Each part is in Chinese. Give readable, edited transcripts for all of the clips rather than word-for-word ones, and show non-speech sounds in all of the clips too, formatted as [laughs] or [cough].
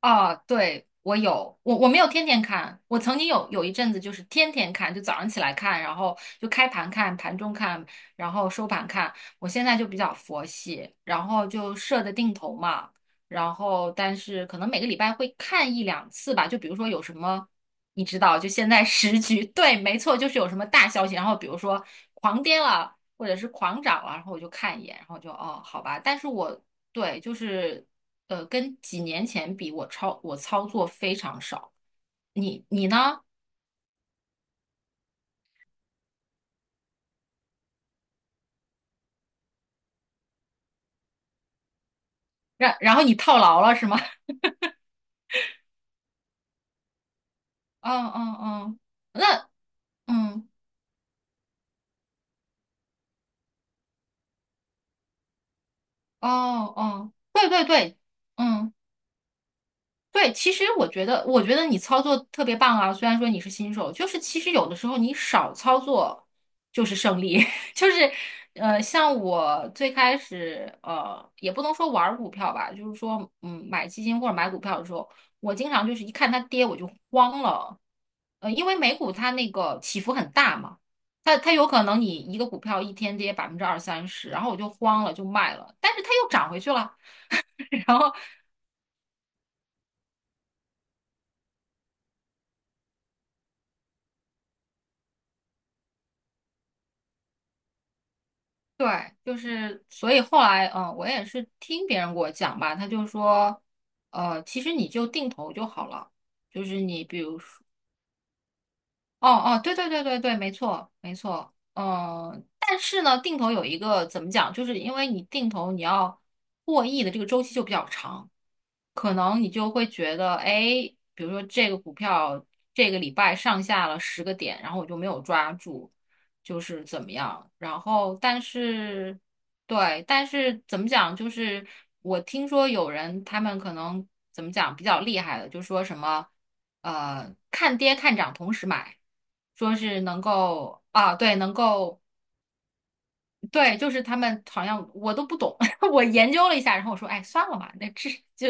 啊，对，我有，我没有天天看，我曾经有一阵子就是天天看，就早上起来看，然后就开盘看、盘中看，然后收盘看。我现在就比较佛系，然后就设的定投嘛，然后但是可能每个礼拜会看一两次吧，就比如说有什么，你知道，就现在时局，[laughs] 对，没错，就是有什么大消息，然后比如说狂跌了。或者是狂涨了，然后我就看一眼，然后就哦，好吧。但是我对，就是跟几年前比，我操作非常少。你呢？然后你套牢了是吗？[laughs] 嗯嗯嗯。那嗯哦哦，对对对，嗯。对，其实我觉得你操作特别棒啊。虽然说你是新手，就是其实有的时候你少操作就是胜利。[laughs] 就是像我最开始也不能说玩儿股票吧，就是说买基金或者买股票的时候，我经常就是一看它跌我就慌了。因为美股它那个起伏很大嘛，它有可能你一个股票一天跌百分之二三十，然后我就慌了就卖了，但是它又涨回去了。[laughs] 然后对，就是所以后来，我也是听别人给我讲吧，他就说，其实你就定投就好了，就是你比如说，哦哦，对对对对对，没错没错，但是呢，定投有一个怎么讲，就是因为你定投你要获益的这个周期就比较长，可能你就会觉得，哎，比如说这个股票这个礼拜上下了10个点，然后我就没有抓住，就是怎么样？然后但是，对，但是怎么讲？就是我听说有人他们可能怎么讲比较厉害的，就说什么看跌看涨同时买，说是能够啊，对，能够。对，就是他们好像我都不懂，[laughs] 我研究了一下，然后我说，哎，算了吧，那这 [laughs] 就，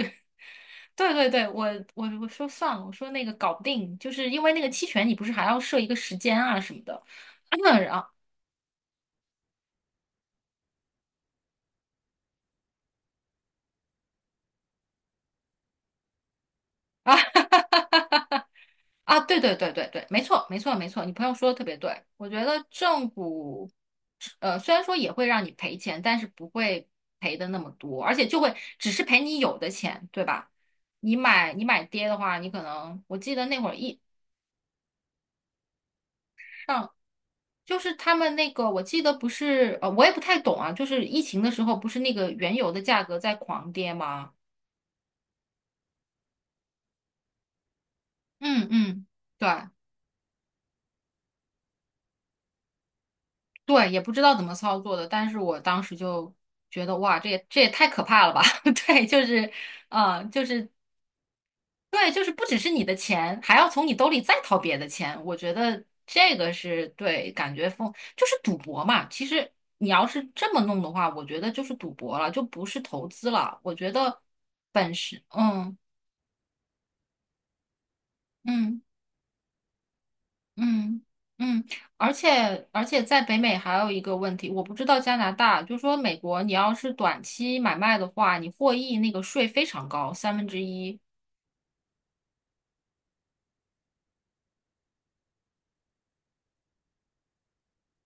对对对，我说算了，我说那个搞不定，就是因为那个期权，你不是还要设一个时间啊什么的，[clears throat] 然后啊 [laughs] 啊，对对对对对，没错没错没错，你朋友说的特别对，我觉得正股，虽然说也会让你赔钱，但是不会赔的那么多，而且就会只是赔你有的钱，对吧？你买跌的话，你可能我记得那会儿一。就是他们那个，我记得不是，我也不太懂啊。就是疫情的时候，不是那个原油的价格在狂跌吗？嗯嗯，对对，也不知道怎么操作的，但是我当时就觉得，哇，这也太可怕了吧？[laughs] 对，就是，就是对，就是不只是你的钱，还要从你兜里再掏别的钱。我觉得这个是对，感觉风就是赌博嘛。其实你要是这么弄的话，我觉得就是赌博了，就不是投资了。我觉得本身，嗯。嗯嗯嗯，而且在北美还有一个问题，我不知道加拿大，就说美国，你要是短期买卖的话，你获益那个税非常高，1/3，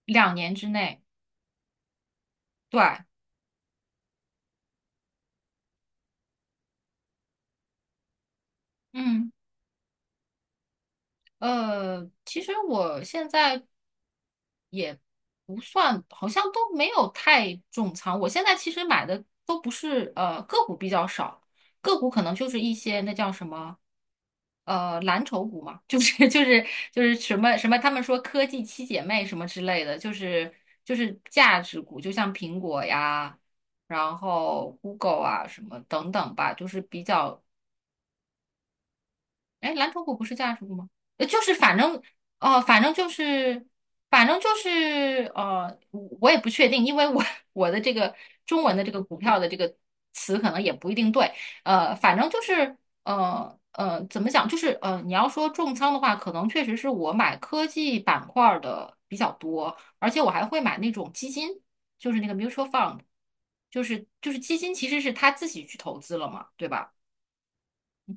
2年之内。对，嗯，其实我现在不算，好像都没有太重仓，我现在其实买的都不是个股比较少，个股可能就是一些那叫什么。蓝筹股嘛，就是 [laughs] 就是什么什么，他们说科技七姐妹什么之类的，就是价值股，就像苹果呀，然后 Google 啊什么等等吧，就是比较哎，蓝筹股不是价值股吗？就是反正，呃，反正就是，反正就是，我也不确定，因为我 [laughs] 我的这个中文的这个股票的这个词可能也不一定对，反正就是，怎么讲？就是你要说重仓的话，可能确实是我买科技板块儿的比较多，而且我还会买那种基金，就是那个 mutual fund，就是基金其实是他自己去投资了嘛，对吧？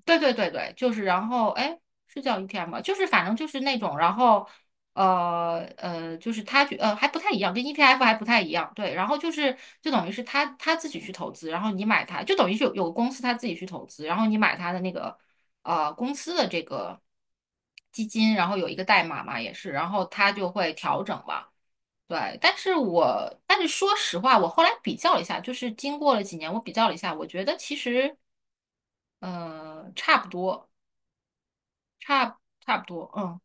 对对对对，就是然后哎，是叫 ETF 吗？就是反正就是那种，然后就是他觉还不太一样，跟 ETF 还不太一样。对，然后就是就等于是他自己去投资，然后你买它，就等于是有个公司他自己去投资，然后你买他的那个公司的这个基金，然后有一个代码嘛也是，然后它就会调整嘛。对，但是说实话，我后来比较了一下，就是经过了几年，我比较了一下，我觉得其实差不多。差差不多，嗯，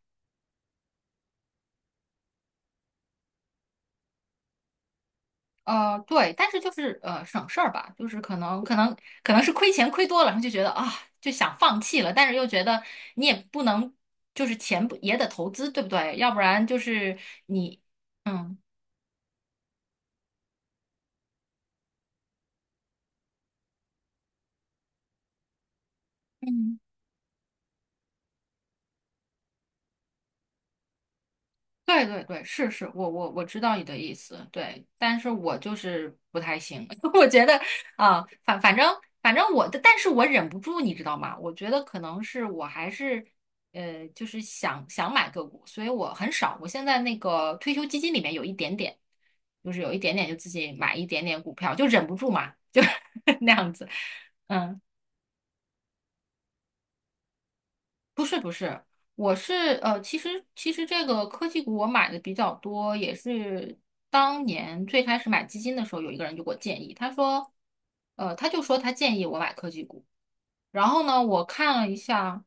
对，但是就是省事儿吧，就是可能是亏钱亏多了，然后就觉得啊就想放弃了，但是又觉得你也不能就是钱不也得投资，对不对？要不然就是你，嗯嗯。对对对，是是，我知道你的意思，对，但是我就是不太行，[laughs] 我觉得啊，反正我的，但是我忍不住，你知道吗？我觉得可能是我还是就是想想买个股，所以我很少，我现在那个退休基金里面有一点点，就是有一点点就自己买一点点股票，就忍不住嘛，就 [laughs] 那样子，嗯。不是不是，我是其实这个科技股我买的比较多，也是当年最开始买基金的时候，有一个人就给我建议，他说，他就说他建议我买科技股，然后呢，我看了一下，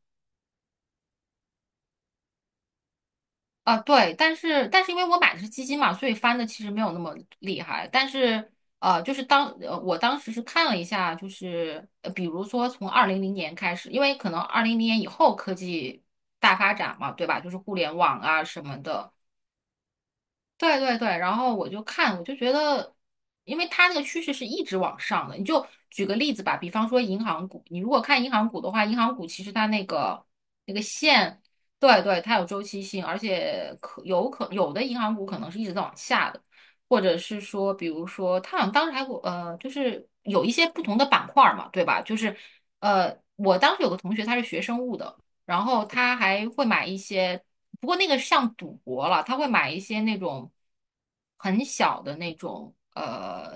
啊，对，但是因为我买的是基金嘛，所以翻的其实没有那么厉害。但是就是我当时是看了一下，就是比如说从二零零年开始，因为可能二零零年以后科技大发展嘛，对吧？就是互联网啊什么的，对对对，然后我就看，我就觉得，因为它那个趋势是一直往上的。你就举个例子吧，比方说银行股，你如果看银行股的话，银行股其实它那个线，对对，它有周期性，而且可有的银行股可能是一直在往下的，或者是说，比如说，它好像当时还有就是有一些不同的板块儿嘛，对吧？就是我当时有个同学他是学生物的。然后他还会买一些，不过那个像赌博了，他会买一些那种很小的那种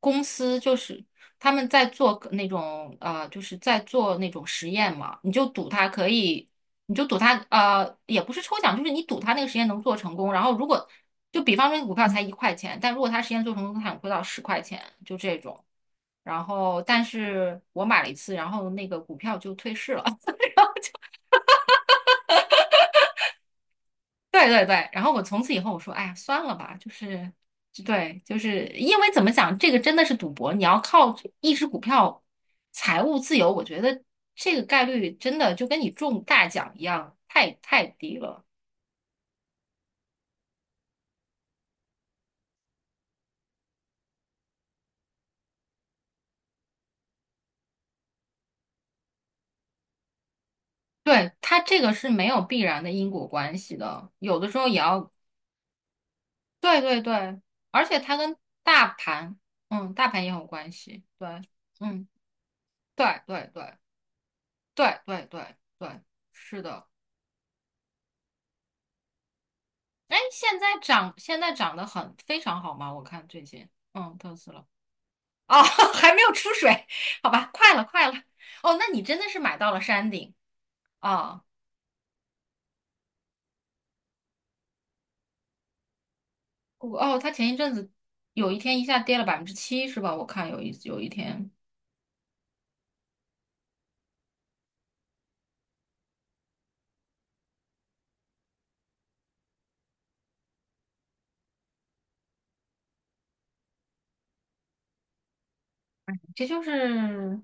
公司，就是他们在做那种就是在做那种实验嘛，你就赌它可以，你就赌它也不是抽奖，就是你赌它那个实验能做成功，然后如果就比方说股票才1块钱，但如果它实验做成功，它能亏到10块钱，就这种。然后，但是我买了一次，然后那个股票就退市了。对对对，然后我从此以后我说，哎呀，算了吧，就是，就对，就是因为怎么讲，这个真的是赌博，你要靠一只股票财务自由，我觉得这个概率真的就跟你中大奖一样，太低了。对，它这个是没有必然的因果关系的，有的时候也要，对对对，而且它跟大盘，大盘也有关系，对，嗯，对对对对对对对，是的。哎，现在涨得很非常好吗？我看最近，特斯拉哦，[laughs] 还没有出水，好吧，快了，快了。哦，那你真的是买到了山顶啊！哦，他前一阵子有一天一下跌了7%，是吧？我看有一天，这就是，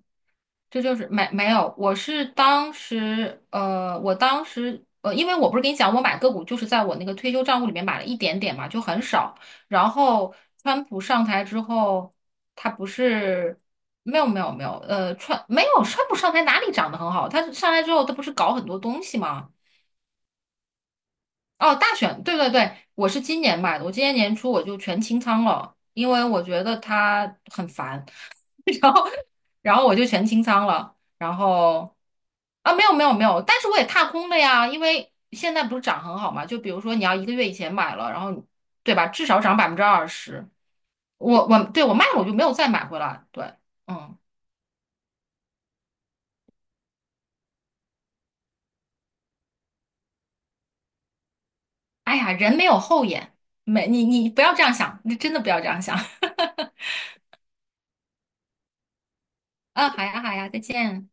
这就是没有，我是当时因为我不是跟你讲，我买个股就是在我那个退休账户里面买了一点点嘛，就很少。然后川普上台之后，他不是没有没有没有，没有川普上台哪里涨得很好？他上来之后，他不是搞很多东西吗？哦，大选，对对对，我是今年买的，我今年年初我就全清仓了，因为我觉得他很烦。[laughs] 然后然后我就全清仓了，然后啊，没有没有没有，但是我也踏空了呀，因为现在不是涨很好嘛，就比如说你要1个月以前买了，然后你对吧，至少涨20%，我，对，我卖了，我就没有再买回来，对，嗯，哎呀，人没有后眼，没你你不要这样想，你真的不要这样想，[laughs] 啊，好呀好呀，再见。